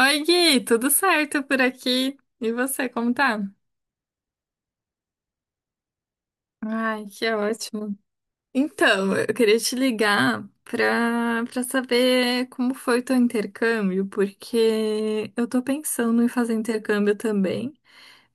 Oi, Gui, tudo certo por aqui? E você, como tá? Ai, que ótimo. Então, eu queria te ligar pra saber como foi o teu intercâmbio, porque eu tô pensando em fazer intercâmbio também.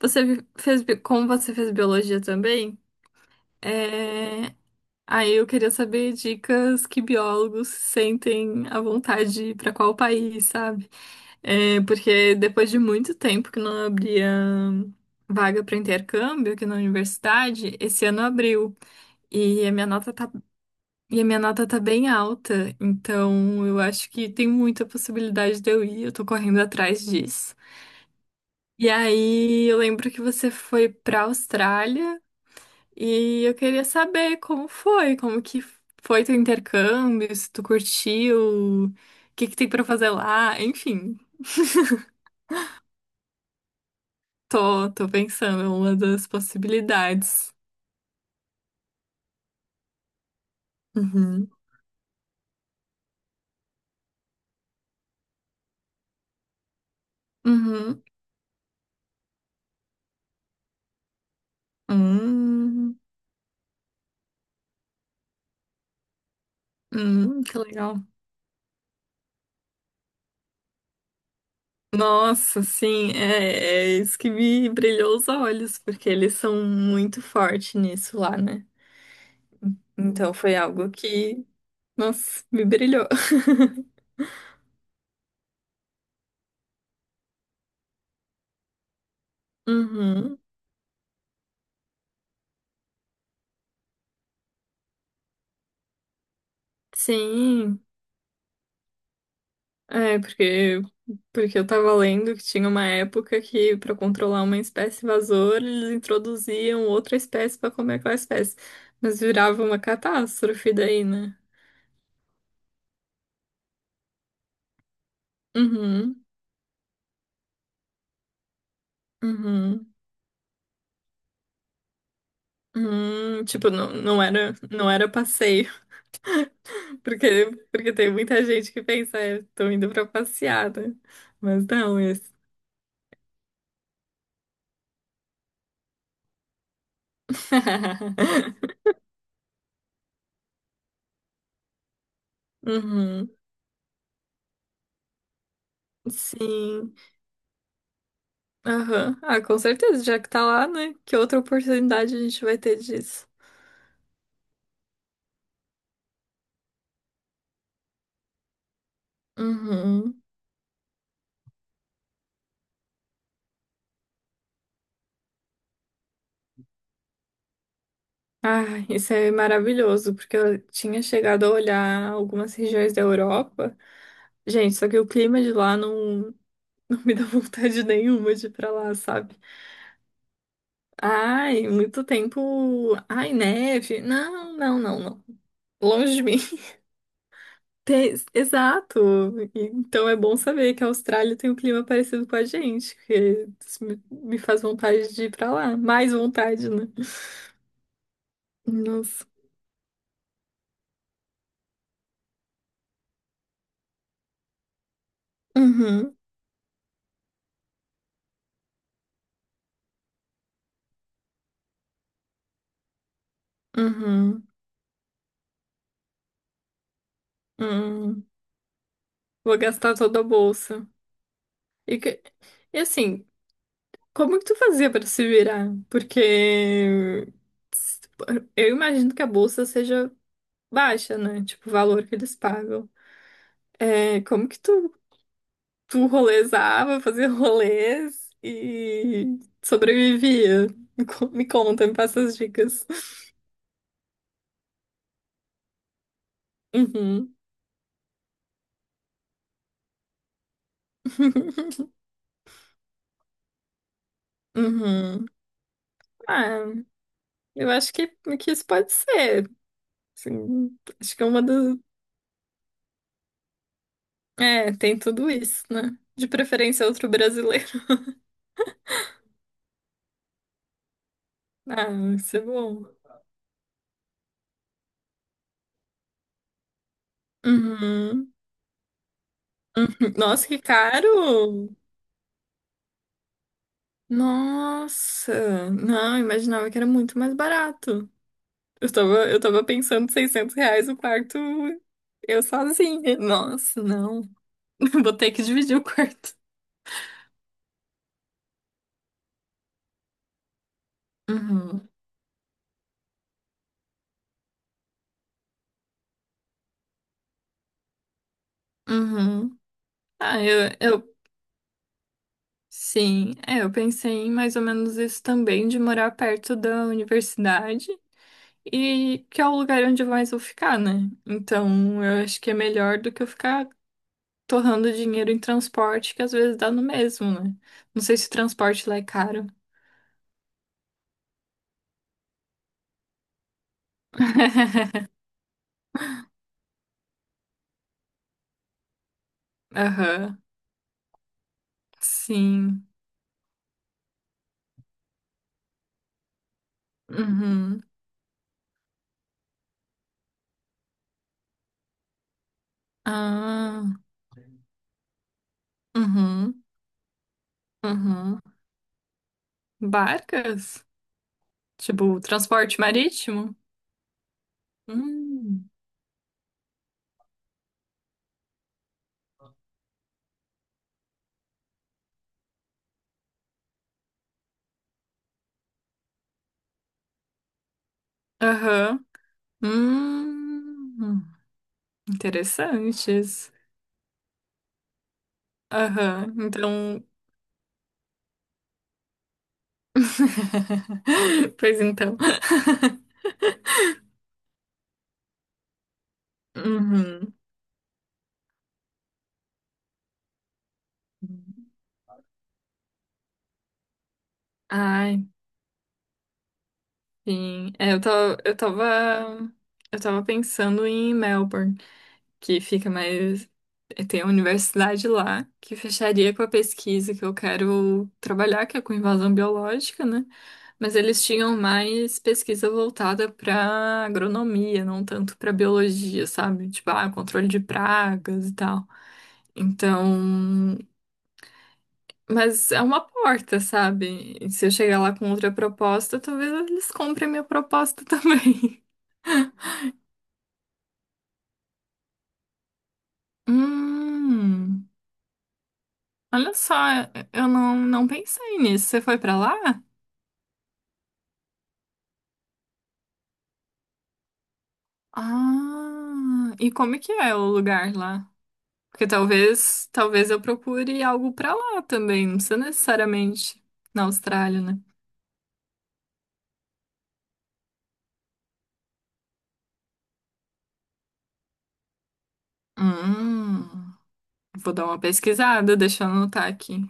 Você vi- fez, bi- Como você fez biologia também, é. Aí eu queria saber dicas que biólogos sentem à vontade para qual país, sabe? É, porque depois de muito tempo que não abria vaga para intercâmbio aqui na universidade, esse ano abriu. E a minha nota tá, e a minha nota tá bem alta, então eu acho que tem muita possibilidade de eu ir, eu tô correndo atrás disso. E aí eu lembro que você foi para Austrália. E eu queria saber como que foi teu intercâmbio, se tu curtiu, o que que tem pra fazer lá, enfim. Tô pensando, é uma das possibilidades. Uhum, uhum. Hum, que legal. Nossa, sim, é isso que me brilhou os olhos, porque eles são muito fortes nisso lá, né? Então foi algo que, nossa, me brilhou. Uhum. Sim. É, porque eu tava lendo que tinha uma época que, para controlar uma espécie invasora, eles introduziam outra espécie para comer aquela espécie. Mas virava uma catástrofe daí, né? Uhum, uhum. Tipo, não, não era passeio, porque, porque tem muita gente que pensa, é, tô indo pra passeada. Mas não, isso. Uhum, sim. Aham. Ah, com certeza, já que tá lá, né? Que outra oportunidade a gente vai ter disso. Uhum. Ah, isso é maravilhoso, porque eu tinha chegado a olhar algumas regiões da Europa. Gente, só que o clima de lá não, não me dá vontade nenhuma de ir pra lá, sabe? Ai, muito tempo. Ai, neve. Não, não, não, não. Longe de mim. Exato. Então é bom saber que a Austrália tem um clima parecido com a gente, que isso me faz vontade de ir pra lá. Mais vontade, né? Nossa. Uhum, uhum, uhum. Vou gastar toda a bolsa. E, que- e assim, como que tu fazia pra se virar? Porque s- eu imagino que a bolsa seja baixa, né? Tipo, o valor que eles pagam. É, como que tu rolezava, fazia rolês e sobrevivia. Me conta, me passa as dicas. Uhum. Uhum. Ah, eu acho que isso pode ser. Assim, acho que é uma das. É, tem tudo isso, né? De preferência, outro brasileiro. Ah, isso é bom. Uhum. Nossa, que caro! Nossa! Não, imaginava que era muito mais barato. Eu tava pensando R$ 600 o quarto, eu sozinha. Nossa, não. Vou ter que dividir o quarto. Uhum, uhum. Ah, sim. É, eu pensei em mais ou menos isso também, de morar perto da universidade. E que é o lugar onde mais vou ficar, né? Então, eu acho que é melhor do que eu ficar torrando dinheiro em transporte, que às vezes dá no mesmo, né? Não sei se o transporte lá é caro. Aham, sim. Uhum. Ah, uhum, uhum. Barcas? Tipo, transporte marítimo? Hum. Aham. Hum. Interessantes. Aham. Então. Pois então. Uhum. Ai, sim. É, eu tava pensando em Melbourne. Que fica mais. Tem a universidade lá, que fecharia com a pesquisa que eu quero trabalhar, que é com invasão biológica, né? Mas eles tinham mais pesquisa voltada para agronomia, não tanto para biologia, sabe? Tipo, ah, controle de pragas e tal. Então, mas é uma porta, sabe? E se eu chegar lá com outra proposta, talvez eles comprem minha proposta também. Hum. Olha só, eu não pensei nisso. Você foi pra lá? Ah, e como é que é o lugar lá? Porque talvez eu procure algo pra lá também, não precisa necessariamente na Austrália, né? Hum, vou dar uma pesquisada, deixa eu anotar aqui.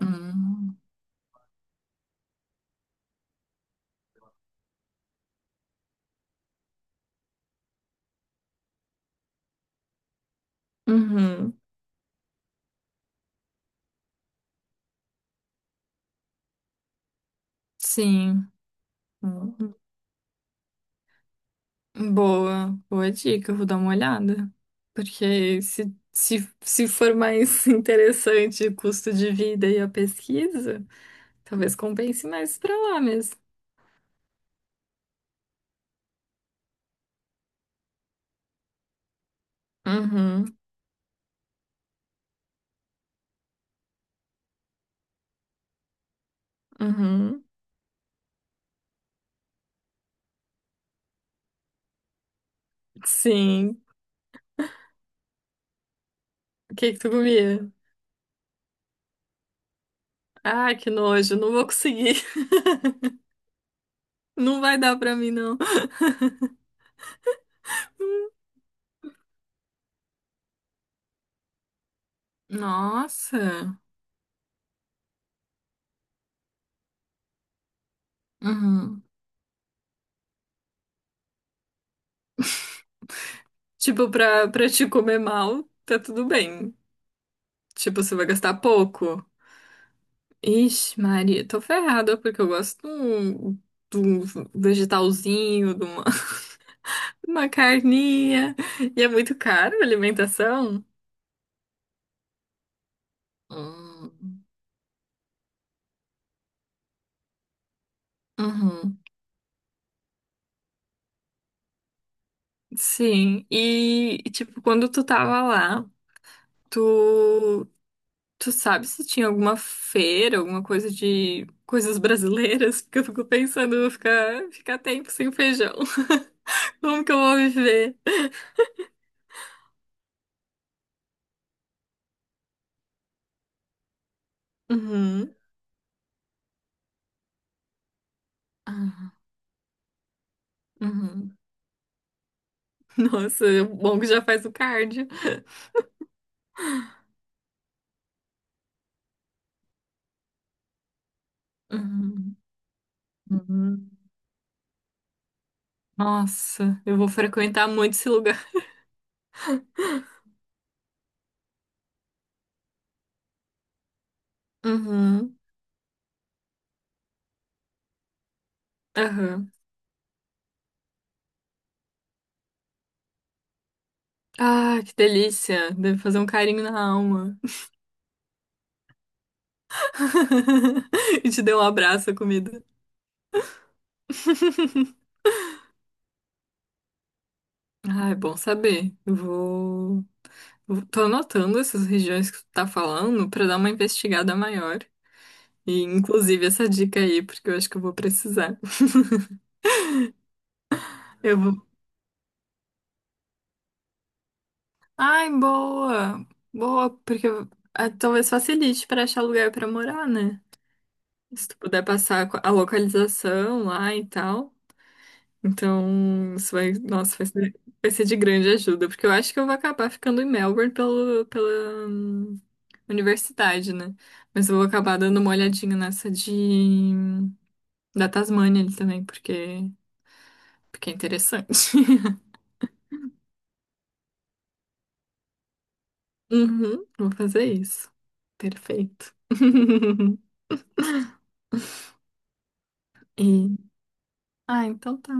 Hum, uhum, sim. Uhum. Boa, boa dica, eu vou dar uma olhada. Porque se for mais interessante o custo de vida e a pesquisa. Talvez compense mais pra lá mesmo. Uhum, uhum. Sim. O que que tu comia? Ah, que nojo, não vou conseguir. Não vai dar pra mim, não. Nossa. Uhum. Tipo, pra te comer mal, tá tudo bem. Tipo, você vai gastar pouco. Ixi, Maria, tô ferrada, porque eu gosto de um vegetalzinho, de uma, uma carninha. E é muito caro a alimentação. Hum. Uhum. Sim, tipo, quando tu tava lá, tu, tu sabe se tinha alguma feira, alguma coisa de coisas brasileiras? Porque eu fico pensando, eu vou ficar tempo sem feijão. Como que eu vou viver? Uhum. Ah, uhum. Nossa, é um bom que já faz o cardio. Uhum. Uhum. Nossa, eu vou frequentar muito esse lugar. Uhum. Aham. Ah, que delícia. Deve fazer um carinho na alma. E te deu um abraço, a comida. Ah, é bom saber. Eu vou. Tô anotando essas regiões que tu tá falando pra dar uma investigada maior. E, inclusive, essa dica aí, porque eu acho que eu vou precisar. Eu vou. Ai, boa! Boa, porque talvez facilite pra achar lugar pra morar, né? Se tu puder passar a localização lá e tal. Então, isso vai, nossa, vai ser de grande ajuda, porque eu acho que eu vou acabar ficando em Melbourne pelo, pela universidade, né? Mas eu vou acabar dando uma olhadinha nessa de da Tasmânia ali também, porque, porque é interessante. Uhum, vou fazer isso. Perfeito. E... Ah, então tá.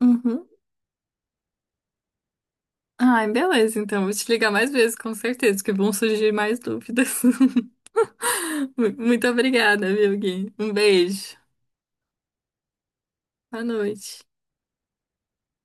Uhum. Ai, beleza, então. Vou te ligar mais vezes, com certeza, que vão surgir mais dúvidas. Muito obrigada, viu, Gui? Um beijo. Boa noite.